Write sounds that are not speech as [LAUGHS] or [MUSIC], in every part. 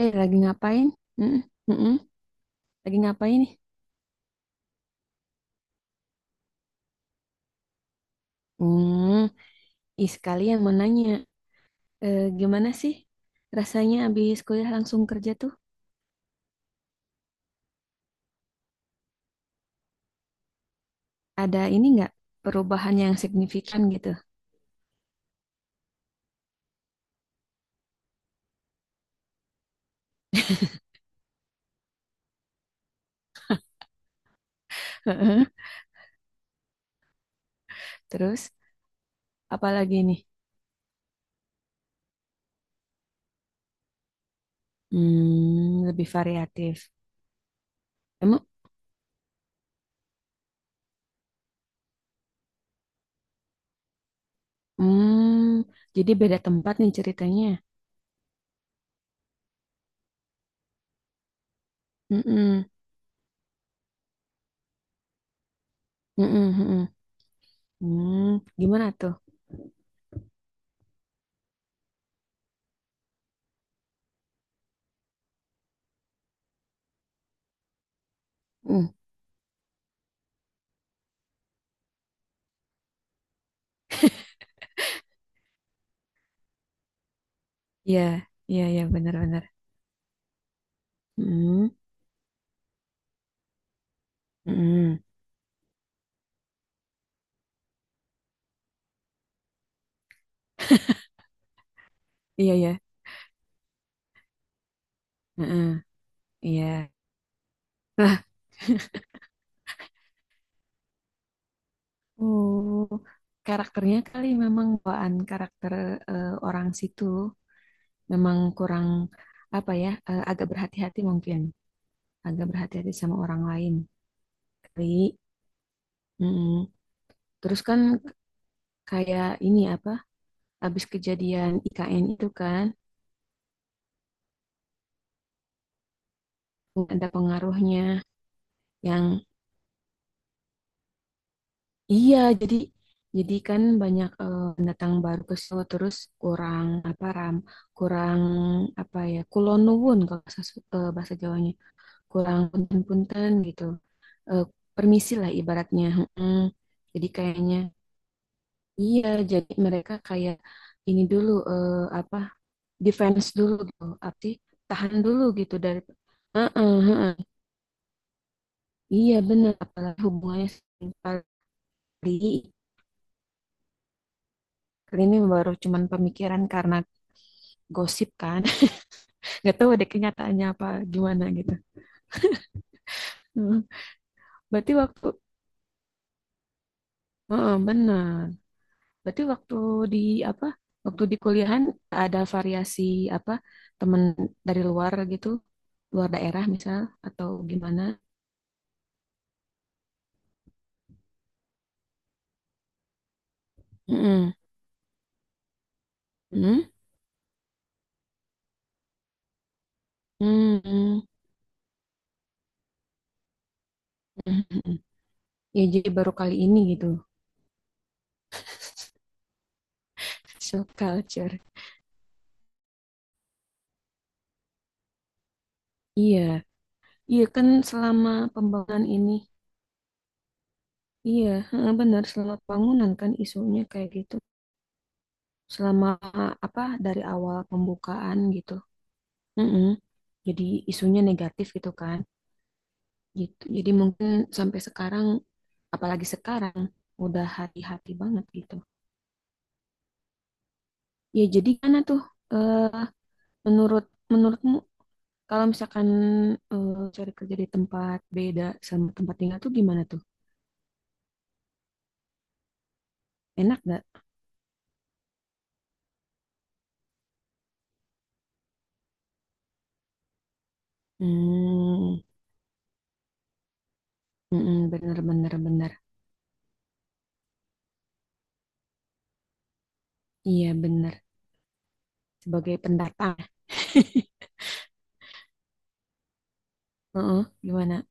Eh, lagi ngapain? Mm, mm-mm. Lagi ngapain nih? Hmm, ih sekalian mau nanya, gimana sih rasanya abis kuliah langsung kerja tuh? Ada ini nggak perubahan yang signifikan gitu? Heeh. Terus, apalagi nih? Lebih variatif. Emang, hmm, jadi beda tempat nih ceritanya. Mm-mm, mm-mm, mm-mm. Gimana tuh? Hmm, iya, iya, iya, benar-benar. Hmm, mm-mm. Iya, iya. Heeh, iya. Nah, oh, karakternya kali memang bawaan karakter orang situ memang kurang apa ya, agak berhati-hati mungkin, agak berhati-hati sama orang lain kali. Mm-mm. Terus kan kayak ini apa, habis kejadian IKN itu kan ada pengaruhnya yang iya jadi kan banyak pendatang baru ke situ terus kurang apa kurang apa ya kulon nuwun kalau bahasa, bahasa Jawanya kurang punten-punten gitu. Eh, permisi lah ibaratnya. mm Jadi kayaknya iya jadi mereka kayak ini dulu apa defense dulu gitu. Apa sih? Tahan dulu gitu dari heeh, heeh. Iya benar apalagi hubungannya kali. Kali ini baru cuman pemikiran karena gosip kan. [LAUGHS] Nggak tahu ada kenyataannya apa gimana gitu. Berarti waktu heeh, benar. Berarti waktu di apa? Waktu di kuliahan ada variasi apa? Temen dari luar gitu, luar daerah misal atau gimana? Mm-mm. Mm-mm. Mm-mm. Mm-mm. Ya jadi baru kali ini gitu. So culture. Iya. Iya kan selama pembangunan ini. Iya, heeh, benar selama pembangunan kan isunya kayak gitu. Selama apa dari awal pembukaan gitu. Mm-mm. Jadi isunya negatif gitu kan. Gitu. Jadi mungkin sampai sekarang, apalagi sekarang, udah hati-hati banget gitu. Ya jadi karena tuh eh, menurut menurutmu kalau misalkan cari kerja di tempat beda sama tempat tinggal tuh gimana tuh? Enak nggak? Hmm, mm-mm, bener bener bener. Iya bener. Sebagai pendatang. [LAUGHS] Heeh, gimana?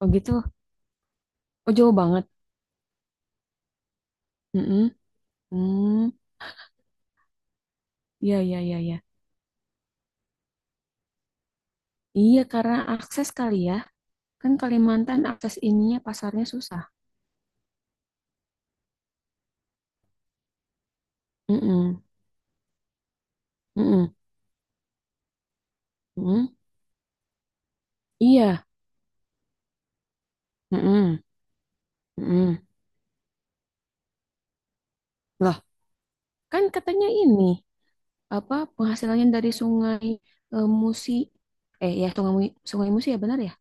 Oh gitu. Oh jauh banget. Mm-mm. Hmm, ya ya ya ya. Iya karena akses kali ya. Kan Kalimantan akses ininya pasarnya susah. Mm-mm, mm-mm, mm-mm. Iya, mm-mm, mm-mm. Loh, kan katanya ini apa penghasilannya dari sungai Musi. Ya, sungai Sungai Musi ya?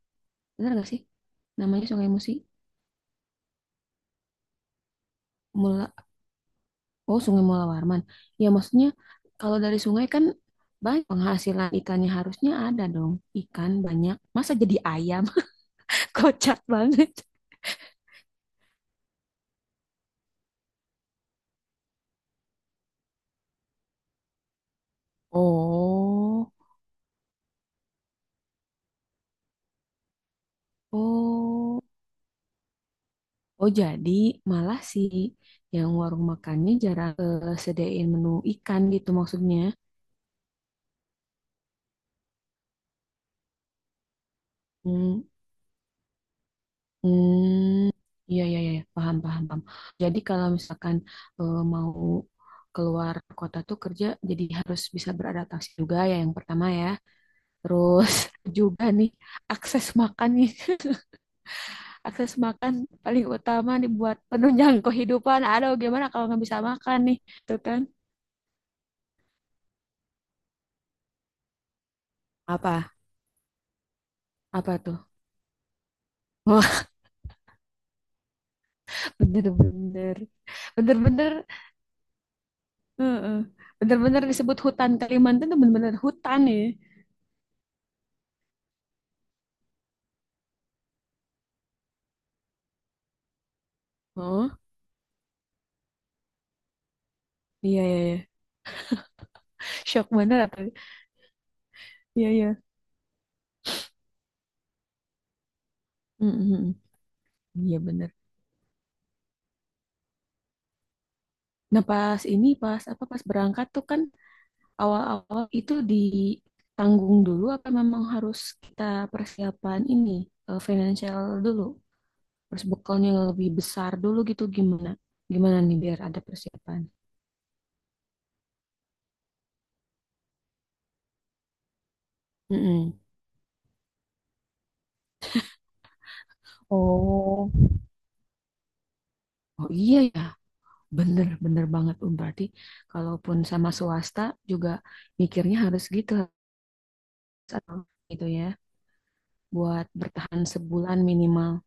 Benar gak sih? Namanya Sungai Musi. Mula, oh, Sungai Mula Warman. Ya, maksudnya kalau dari sungai kan banyak penghasilan ikannya harusnya ada dong. Ikan banyak. Masa jadi ayam? [LAUGHS] Kocak banget. Oh. Oh. Oh, jadi malah sih yang warung makannya jarang sedain menu ikan gitu maksudnya. Hmm, hmm, iya, iya, iya, iya. Paham, paham, paham. Jadi kalau misalkan mau keluar kota tuh kerja, jadi harus bisa beradaptasi juga ya yang pertama ya. Terus [LAUGHS] juga nih, akses makan paling utama nih buat penunjang kehidupan. Aduh, gimana kalau nggak bisa makan nih, tuh kan? Apa? Apa tuh? [LAUGHS] Bener-bener, bener-bener, heeh. Bener-bener disebut hutan Kalimantan tuh bener-bener hutan ya. Oh, iya iya, iya. Shock bener apa? Iya iya, mm-mm. Iya bener. Nah pas ini pas apa pas berangkat tuh kan awal-awal itu ditanggung dulu apa memang harus kita persiapan ini financial dulu, terus bekalnya yang lebih besar dulu gitu gimana? Gimana nih biar ada persiapan? Mm-mm. Oh. Oh iya ya, bener, bener banget. Berarti kalaupun sama swasta juga mikirnya harus gitu, harus atau gitu ya, buat bertahan sebulan minimal.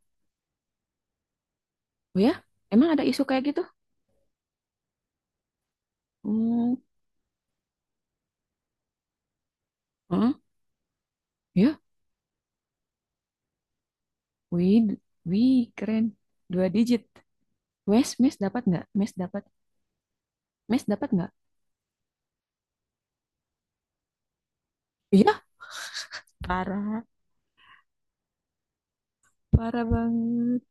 Oh ya, emang ada isu kayak gitu? Hmm, heeh, ya, wih, wih, keren, dua digit. Wes, mes dapat nggak? Mes dapat nggak? Iya, parah, parah banget.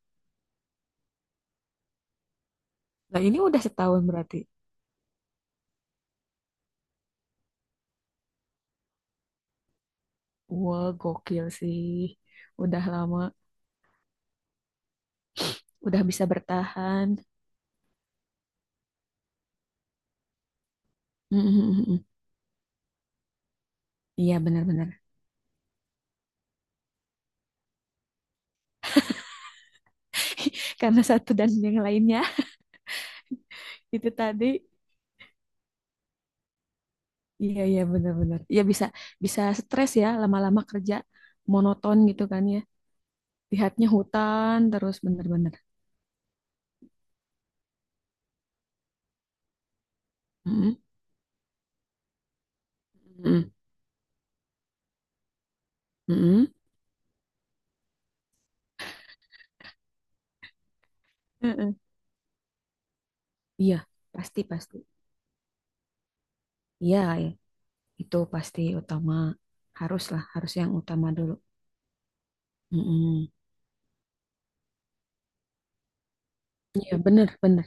Nah ini udah setahun berarti. Wah, gokil sih. Udah lama, udah bisa bertahan. [LAUGHS] Iya, benar-benar. [LAUGHS] Karena satu dan yang lainnya [LAUGHS] itu tadi iya iya benar-benar ya bisa bisa stres ya lama-lama kerja monoton gitu kan ya lihatnya hutan terus bener-bener. Mm-mm. Mm-mm. Mm-mm. Mm-mm. Iya, pasti pasti. Iya, ya. Itu pasti utama. Harus lah harus yang utama dulu. Mm-mm. Iya, bener, bener.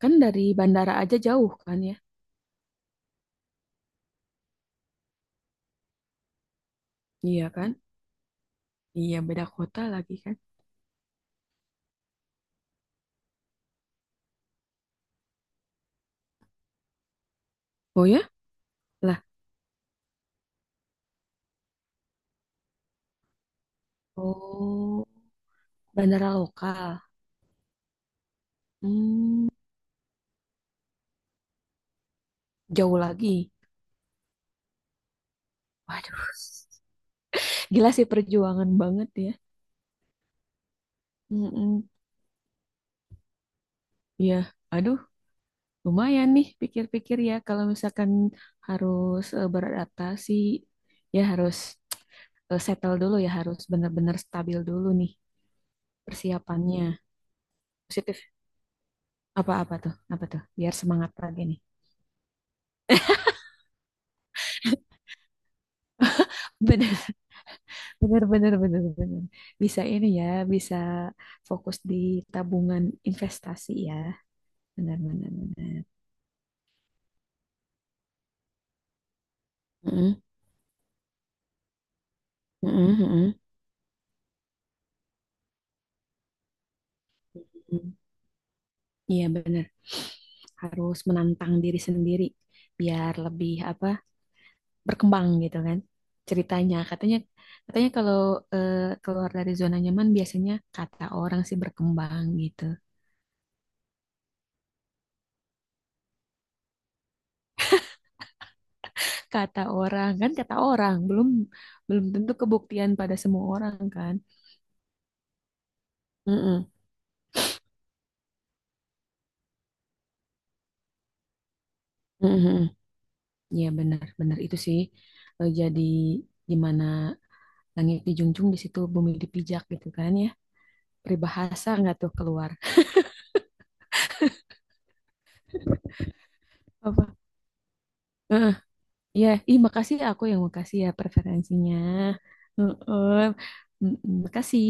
Kan dari bandara aja jauh kan ya? Iya kan? Iya, beda kota lagi kan? Oh ya? Lah, oh, bandara lokal. Hmm, jauh lagi. Waduh, gila sih perjuangan banget ya. Mm-mm. Ya, aduh, lumayan nih pikir-pikir ya kalau misalkan harus beradaptasi, ya harus settle dulu ya, harus benar-benar stabil dulu nih persiapannya. Positif apa-apa tuh, apa tuh, biar semangat lagi nih. Bener, [LAUGHS] bener, bener, bener, bener. Bisa ini ya, bisa fokus di tabungan investasi ya. Benar, benar, benar. Mm-mm. Heeh, heeh. Mhm. Iya benar. Harus menantang diri sendiri biar lebih apa berkembang gitu kan ceritanya. Katanya katanya kalau eh, keluar dari zona nyaman biasanya kata orang sih berkembang gitu. Kata orang kan kata orang belum belum tentu kebuktian pada semua orang kan. Heeh. Heeh, heeh. Iya benar benar itu sih jadi gimana langit dijunjung di situ bumi dipijak gitu kan ya. Peribahasa nggak tuh keluar. Apa? Heeh, iya, ih, makasih ya, aku yang makasih ya preferensinya. Heeh. Mm, mm, makasih.